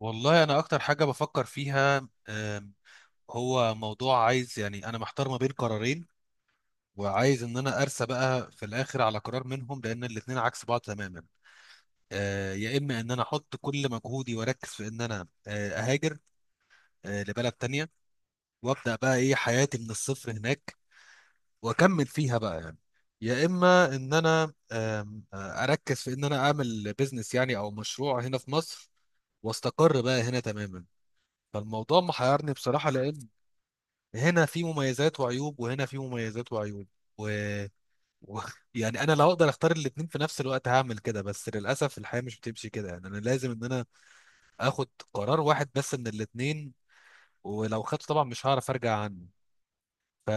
والله انا اكتر حاجه بفكر فيها هو موضوع، عايز يعني انا محتار ما بين قرارين، وعايز ان انا ارسى بقى في الاخر على قرار منهم، لان الاتنين عكس بعض تماما. يا اما ان انا احط كل مجهودي واركز في ان انا اهاجر لبلد تانية، وابدا بقى ايه حياتي من الصفر هناك، واكمل فيها بقى يعني. يا اما ان انا آم، آه، اركز في ان انا اعمل بيزنس يعني، او مشروع هنا في مصر، واستقر بقى هنا تماما. فالموضوع محيرني بصراحة، لأن هنا في مميزات وعيوب، وهنا في مميزات وعيوب، و... و... يعني انا لو اقدر اختار الاتنين في نفس الوقت هعمل كده، بس للاسف الحياه مش بتمشي كده، يعني انا لازم ان انا اخد قرار واحد بس من الاتنين. ولو خدته طبعا مش هعرف ارجع عنه. ف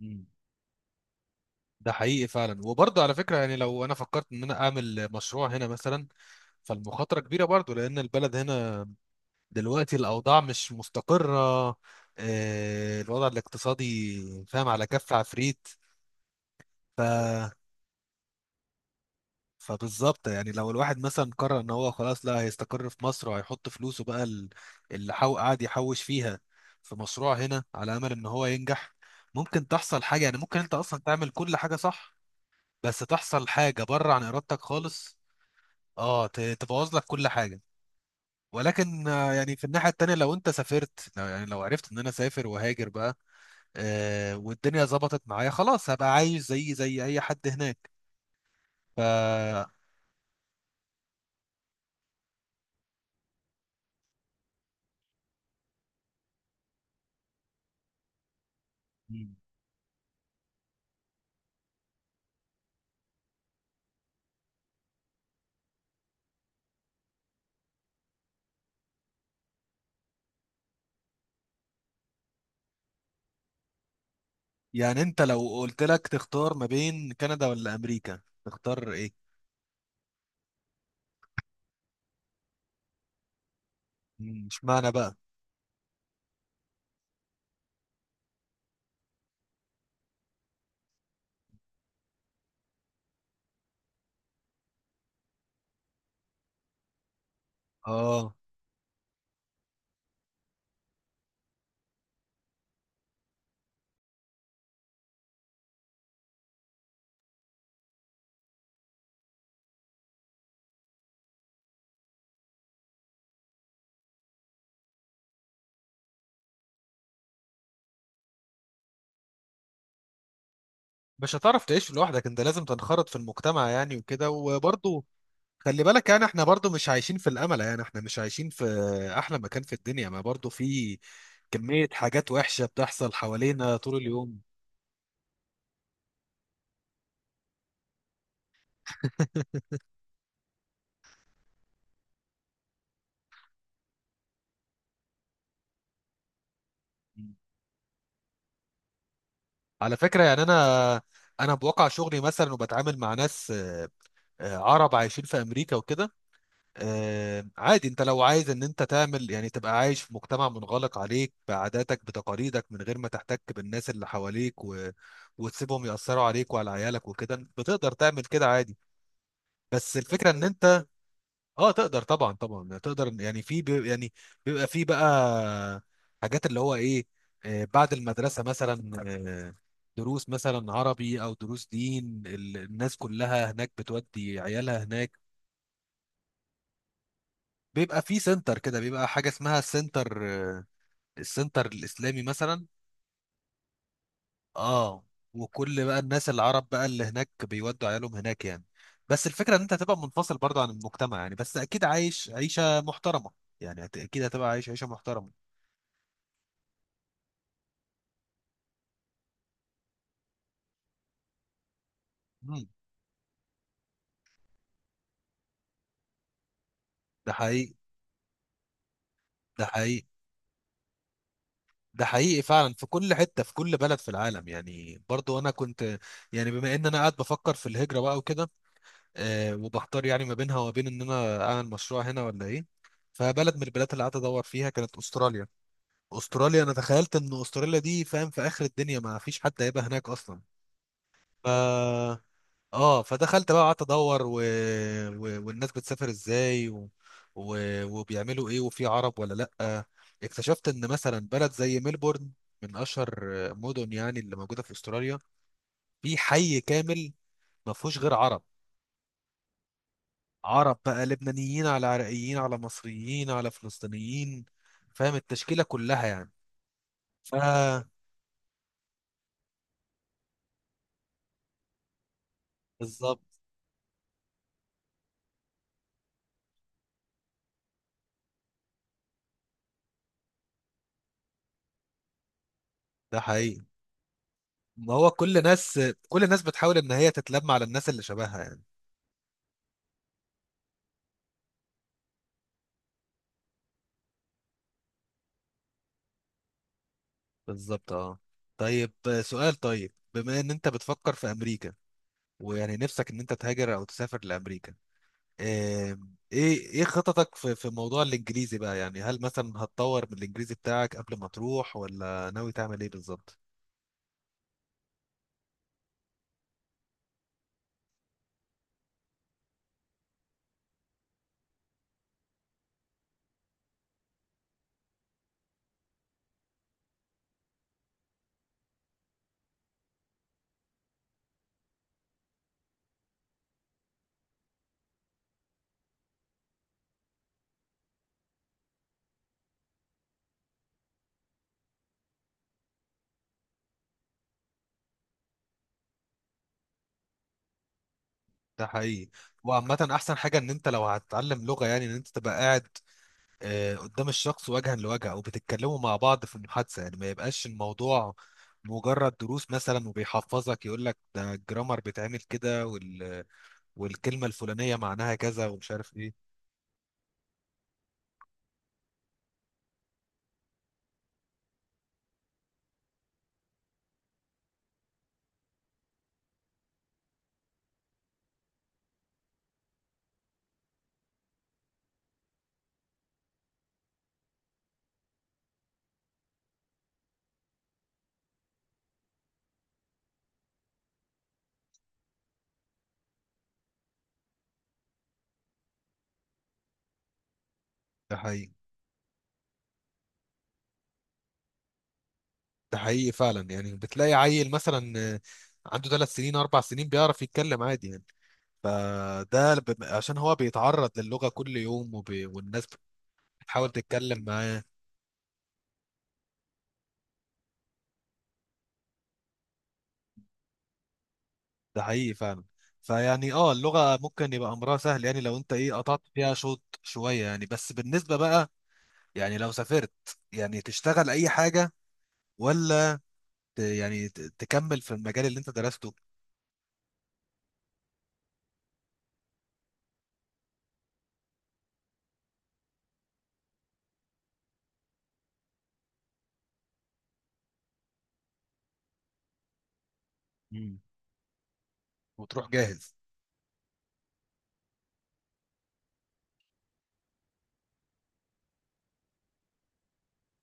مم. ده حقيقي فعلا، وبرضه على فكره يعني لو انا فكرت ان انا اعمل مشروع هنا مثلا، فالمخاطره كبيره برضه، لان البلد هنا دلوقتي الاوضاع مش مستقره. الوضع الاقتصادي فاهم على كف عفريت. ف فبالظبط، يعني لو الواحد مثلا قرر ان هو خلاص، لا، هيستقر في مصر وهيحط فلوسه بقى اللي قاعد يحوش فيها في مشروع هنا على امل ان هو ينجح، ممكن تحصل حاجه. يعني ممكن انت اصلا تعمل كل حاجه صح، بس تحصل حاجه بره عن ارادتك خالص. اه، تبوظ لك كل حاجه. ولكن يعني في الناحيه التانيه، لو انت سافرت، لو يعني لو عرفت ان انا سافر وهاجر بقى، آه، والدنيا ظبطت معايا خلاص، هبقى عايش زي اي حد هناك. ف يعني انت لو قلت لك تختار ما بين كندا ولا امريكا، تختار ايه؟ مم، اشمعنى بقى؟ اه مش هتعرف تعيش لوحدك، انت لازم تنخرط في المجتمع يعني وكده، وبرضه خلي بالك، يعني احنا برضه مش عايشين في الامل، يعني احنا مش عايشين في احلى مكان في الدنيا، ما برضه في كمية حاجات وحشة بتحصل حوالينا طول اليوم. مم. على فكرة يعني انا بواقع شغلي مثلا، وبتعامل مع ناس عرب عايشين في امريكا وكده. عادي، انت لو عايز ان انت تعمل، يعني تبقى عايش في مجتمع منغلق عليك بعاداتك بتقاليدك، من غير ما تحتك بالناس اللي حواليك وتسيبهم يأثروا عليك وعلى عيالك وكده، بتقدر تعمل كده عادي. بس الفكرة ان انت اه تقدر، طبعا طبعا تقدر، يعني في يعني بيبقى في بقى حاجات اللي هو ايه، بعد المدرسة مثلا، دروس مثلا عربي او دروس دين، الناس كلها هناك بتودي عيالها هناك. بيبقى في سنتر كده، بيبقى حاجة اسمها السنتر، السنتر الإسلامي مثلا. اه، وكل بقى الناس العرب بقى اللي هناك بيودوا عيالهم هناك يعني. بس الفكرة ان انت هتبقى منفصل برضه عن المجتمع، يعني بس اكيد عايش عيشة محترمة، يعني اكيد هتبقى عايش عيشة محترمة. مم. ده حقيقي. ده حقيقي. ده حقيقي فعلا، في كل حتة في كل بلد في العالم يعني. برضو انا كنت يعني بما ان انا قاعد بفكر في الهجرة بقى وكده، وبحتار يعني ما بينها وما بين ان انا اعمل مشروع هنا ولا ايه. فبلد من البلاد اللي قعدت ادور فيها كانت استراليا. استراليا، انا تخيلت ان استراليا دي فاهم في اخر الدنيا، ما فيش حد هيبقى هناك اصلا. ف اه، فدخلت بقى قعدت ادور والناس بتسافر ازاي و... وبيعملوا ايه، وفي عرب ولا لا. اكتشفت ان مثلا بلد زي ملبورن، من اشهر مدن يعني اللي موجوده في استراليا، في حي كامل ما فيهوش غير عرب. عرب بقى، لبنانيين على عراقيين على مصريين على فلسطينيين، فاهم التشكيلة كلها يعني. ف بالظبط. ده حقيقي. ما هو كل ناس، كل الناس بتحاول ان هي تتلم على الناس اللي شبهها يعني. بالظبط اه. طيب سؤال، طيب بما ان انت بتفكر في امريكا، ويعني نفسك ان انت تهاجر او تسافر لامريكا، ايه خططك في موضوع الانجليزي بقى، يعني هل مثلا هتطور من الانجليزي بتاعك قبل ما تروح، ولا ناوي تعمل ايه بالظبط؟ ده حقيقي. وعامة أحسن حاجة إن أنت لو هتتعلم لغة، يعني إن أنت تبقى قاعد قدام الشخص وجها لوجه، أو بتتكلموا مع بعض في المحادثة، يعني ما يبقاش الموضوع مجرد دروس مثلا وبيحفظك يقول لك ده الجرامر بيتعمل كده، والكلمة الفلانية معناها كذا ومش عارف إيه. ده حقيقي. ده حقيقي فعلا، يعني بتلاقي عيل مثلا عنده 3 سنين 4 سنين بيعرف يتكلم عادي يعني. فده عشان هو بيتعرض للغة كل يوم والناس بتحاول تتكلم معاه. ده حقيقي فعلا. فيعني اللغة ممكن يبقى أمرها سهل، يعني لو أنت إيه قطعت فيها شوط شوية يعني، بس بالنسبة بقى يعني لو سافرت، يعني تشتغل أي حاجة، ولا يعني تكمل في المجال اللي أنت درسته؟ امم وتروح جاهز.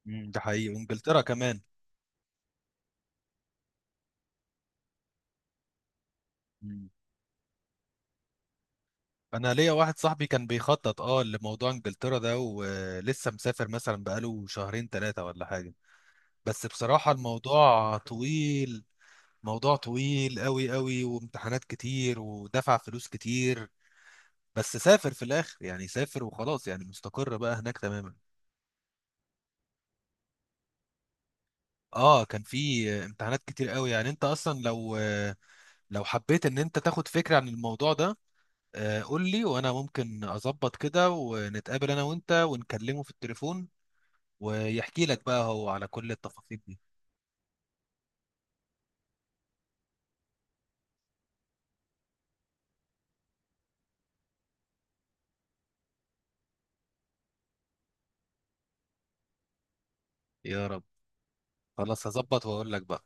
ده حقيقي، وإنجلترا كمان. امم أنا ليا واحد صاحبي كان بيخطط لموضوع إنجلترا ده، ولسه مسافر مثلا بقاله شهرين 3 ولا حاجة. بس بصراحة الموضوع طويل، موضوع طويل قوي قوي وامتحانات كتير ودفع فلوس كتير، بس سافر في الاخر يعني، سافر وخلاص يعني مستقر بقى هناك تماما. اه، كان في امتحانات كتير قوي، يعني انت اصلا لو حبيت ان انت تاخد فكرة عن الموضوع ده، قول لي، وانا ممكن اظبط كده، ونتقابل انا وانت ونكلمه في التليفون، ويحكي لك بقى هو على كل التفاصيل دي. يا رب. خلاص هظبط واقول لك بقى.